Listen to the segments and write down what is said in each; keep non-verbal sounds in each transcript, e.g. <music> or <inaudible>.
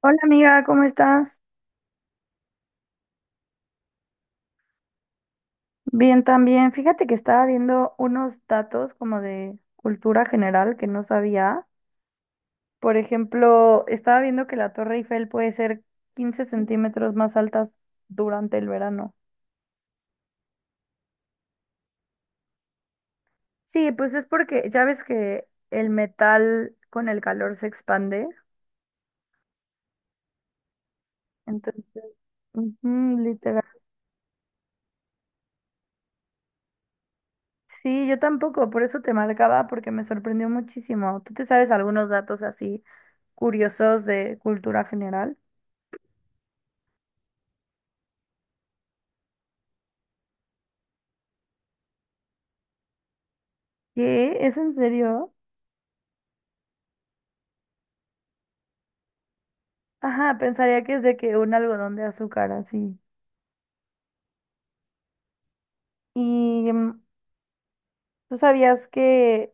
Hola amiga, ¿cómo estás? Bien también. Fíjate que estaba viendo unos datos como de cultura general que no sabía. Por ejemplo, estaba viendo que la Torre Eiffel puede ser 15 centímetros más altas durante el verano. Sí, pues es porque ya ves que el metal con el calor se expande. Entonces, ujú, literal. Sí, yo tampoco, por eso te marcaba, porque me sorprendió muchísimo. ¿Tú te sabes algunos datos así curiosos de cultura general? ¿Qué? ¿Es en serio? Ajá, pensaría que es de que un algodón de azúcar así. ¿Y tú sabías que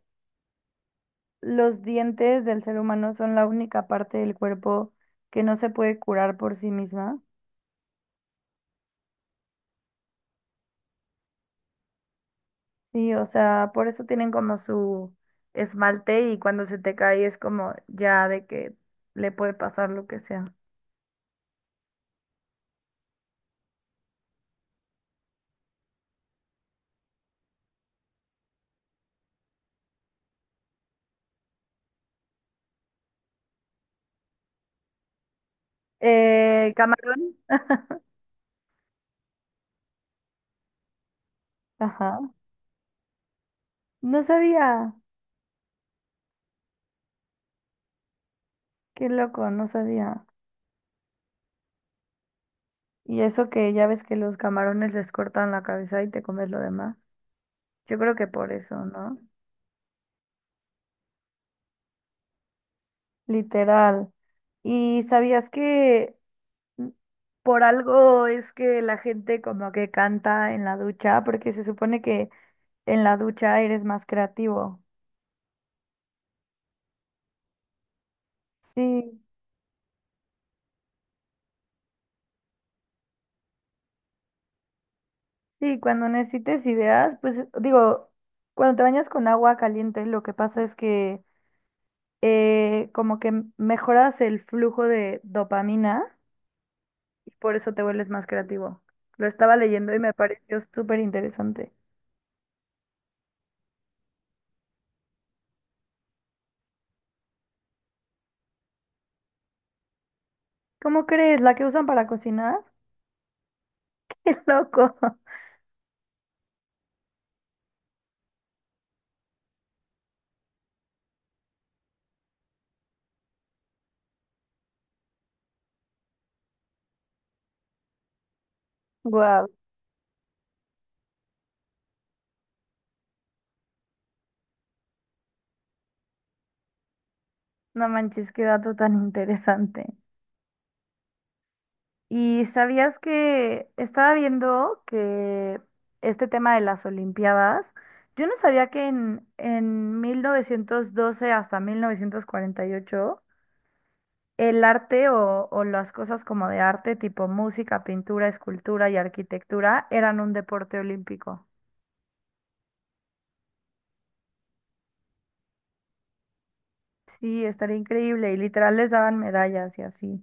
los dientes del ser humano son la única parte del cuerpo que no se puede curar por sí misma? Sí, o sea, por eso tienen como su esmalte y cuando se te cae es como ya de que le puede pasar lo que sea. Camarón. <laughs> Ajá. No sabía. Qué loco, no sabía. Y eso que ya ves que los camarones les cortan la cabeza y te comes lo demás. Yo creo que por eso, ¿no? Literal. ¿Y sabías que n- por algo es que la gente como que canta en la ducha? Porque se supone que en la ducha eres más creativo. Sí, sí, cuando necesites ideas, pues digo, cuando te bañas con agua caliente, lo que pasa es que como que mejoras el flujo de dopamina. Y por eso te vuelves más creativo. Lo estaba leyendo y me pareció súper interesante. ¿Cómo crees? ¿La que usan para cocinar? <laughs> ¡Qué loco! Wow. No manches, qué dato tan interesante. ¿Y sabías que estaba viendo que este tema de las Olimpiadas, yo no sabía que en 1912 hasta 1948 el arte o las cosas como de arte, tipo música, pintura, escultura y arquitectura, eran un deporte olímpico. Sí, estaría increíble. Y literal les daban medallas y así.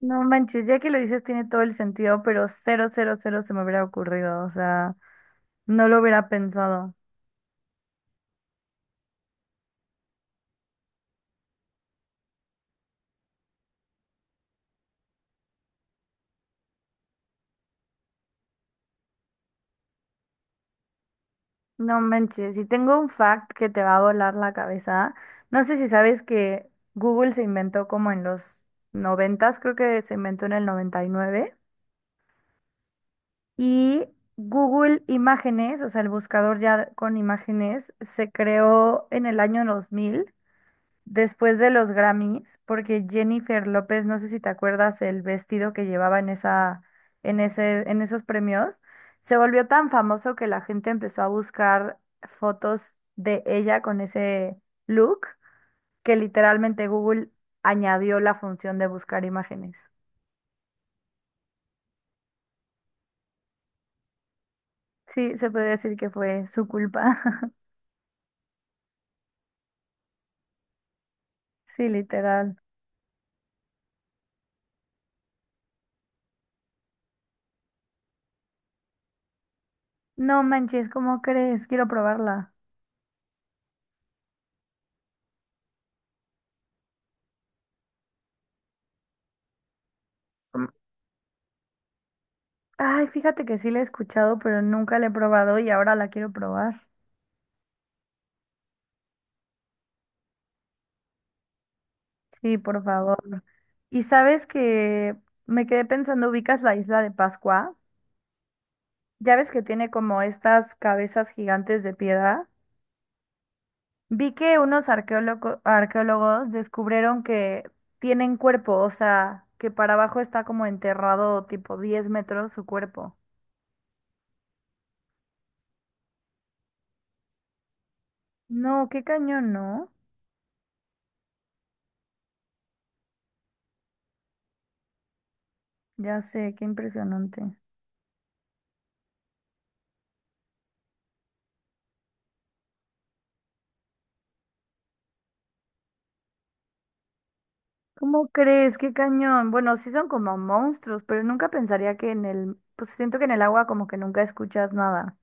No manches, ya que lo dices tiene todo el sentido, pero cero, cero, cero se me hubiera ocurrido. O sea, no lo hubiera pensado. No manches, y tengo un fact que te va a volar la cabeza. No sé si sabes que Google se inventó como en los noventas, creo que se inventó en el 99 y Google Imágenes, o sea, el buscador ya con imágenes, se creó en el año 2000 después de los Grammys, porque Jennifer López, no sé si te acuerdas el vestido que llevaba en esa, en ese, en esos premios, se volvió tan famoso que la gente empezó a buscar fotos de ella con ese look, que literalmente Google añadió la función de buscar imágenes. Sí, se puede decir que fue su culpa. <laughs> Sí, literal. No manches, ¿cómo crees? Quiero probarla. Mm, Ay, fíjate que sí la he escuchado, pero nunca la he probado y ahora la quiero probar. Sí, por favor. Y sabes que me quedé pensando, ¿ubicas la isla de Pascua? Ya ves que tiene como estas cabezas gigantes de piedra. Vi que unos arqueólogos descubrieron que tienen cuerpo, o sea, que para abajo está como enterrado tipo 10 metros su cuerpo. No, qué cañón, ¿no? Ya sé, qué impresionante. ¿Cómo crees? Qué cañón. Bueno, sí son como monstruos, pero nunca pensaría que en el, pues siento que en el agua como que nunca escuchas nada.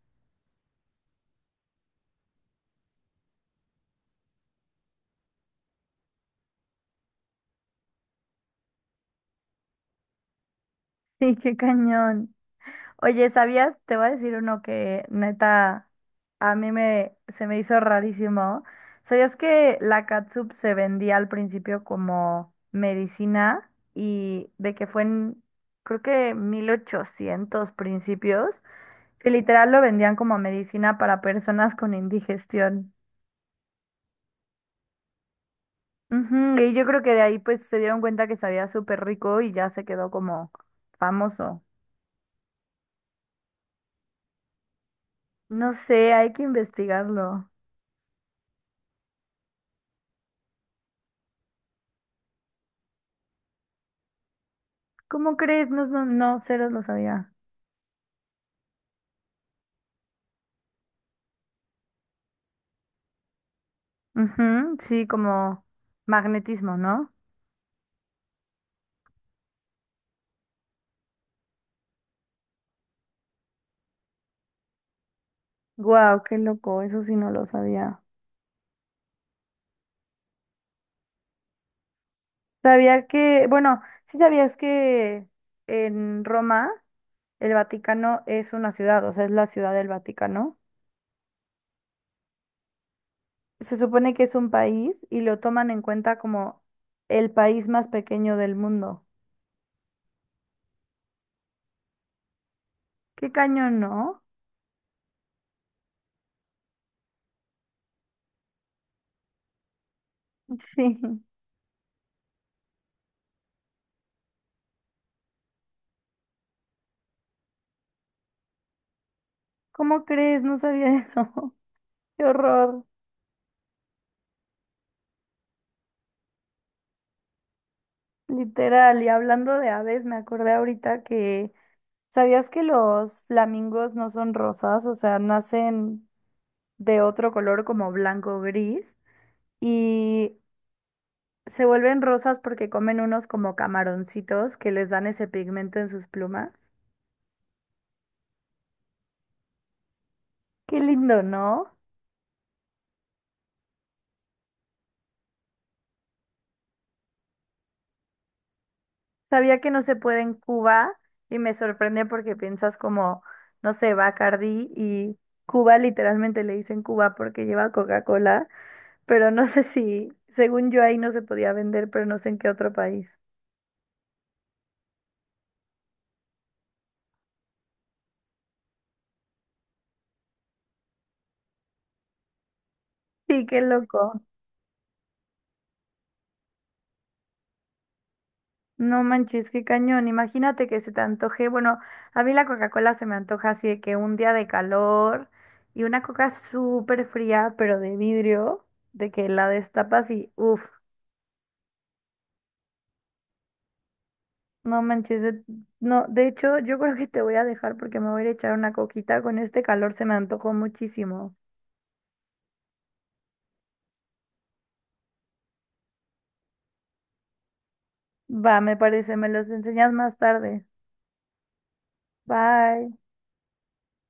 Sí, qué cañón. Oye, ¿sabías? Te voy a decir uno que neta a mí me se me hizo rarísimo. ¿Sabías que la catsup se vendía al principio como medicina y de que fue en creo que 1800 principios, que literal lo vendían como medicina para personas con indigestión? Ujú, y yo creo que de ahí pues se dieron cuenta que sabía súper rico y ya se quedó como famoso. No sé, hay que investigarlo. ¿Cómo crees? No, no, no, cero lo sabía. Ujú, sí, como magnetismo, ¿no? Guau, qué loco, eso sí no lo sabía. Sabía que, bueno, sí sabías que en Roma el Vaticano es una ciudad, o sea, es la ciudad del Vaticano. Se supone que es un país y lo toman en cuenta como el país más pequeño del mundo. Qué cañón, ¿no? <laughs> Sí. ¿Cómo crees? No sabía eso. <laughs> Qué horror. Literal, y hablando de aves, me acordé ahorita que, ¿sabías que los flamingos no son rosas? O sea, nacen de otro color como blanco o gris y se vuelven rosas porque comen unos como camaroncitos que les dan ese pigmento en sus plumas. Qué lindo, ¿no? Sabía que no se puede en Cuba y me sorprende porque piensas como, no sé, Bacardi y Cuba literalmente le dicen Cuba porque lleva Coca-Cola. Pero no sé si, según yo ahí no se podía vender, pero no sé en qué otro país. Sí, qué loco. No manches, qué cañón. Imagínate que se te antoje. Bueno, a mí la Coca-Cola se me antoja así de que un día de calor y una coca súper fría, pero de vidrio, de que la destapas y uff, no manches. No, de hecho, yo creo que te voy a dejar porque me voy a ir a echar una coquita. Con este calor se me antojó muchísimo. Va, me parece, me los enseñas más tarde. Bye.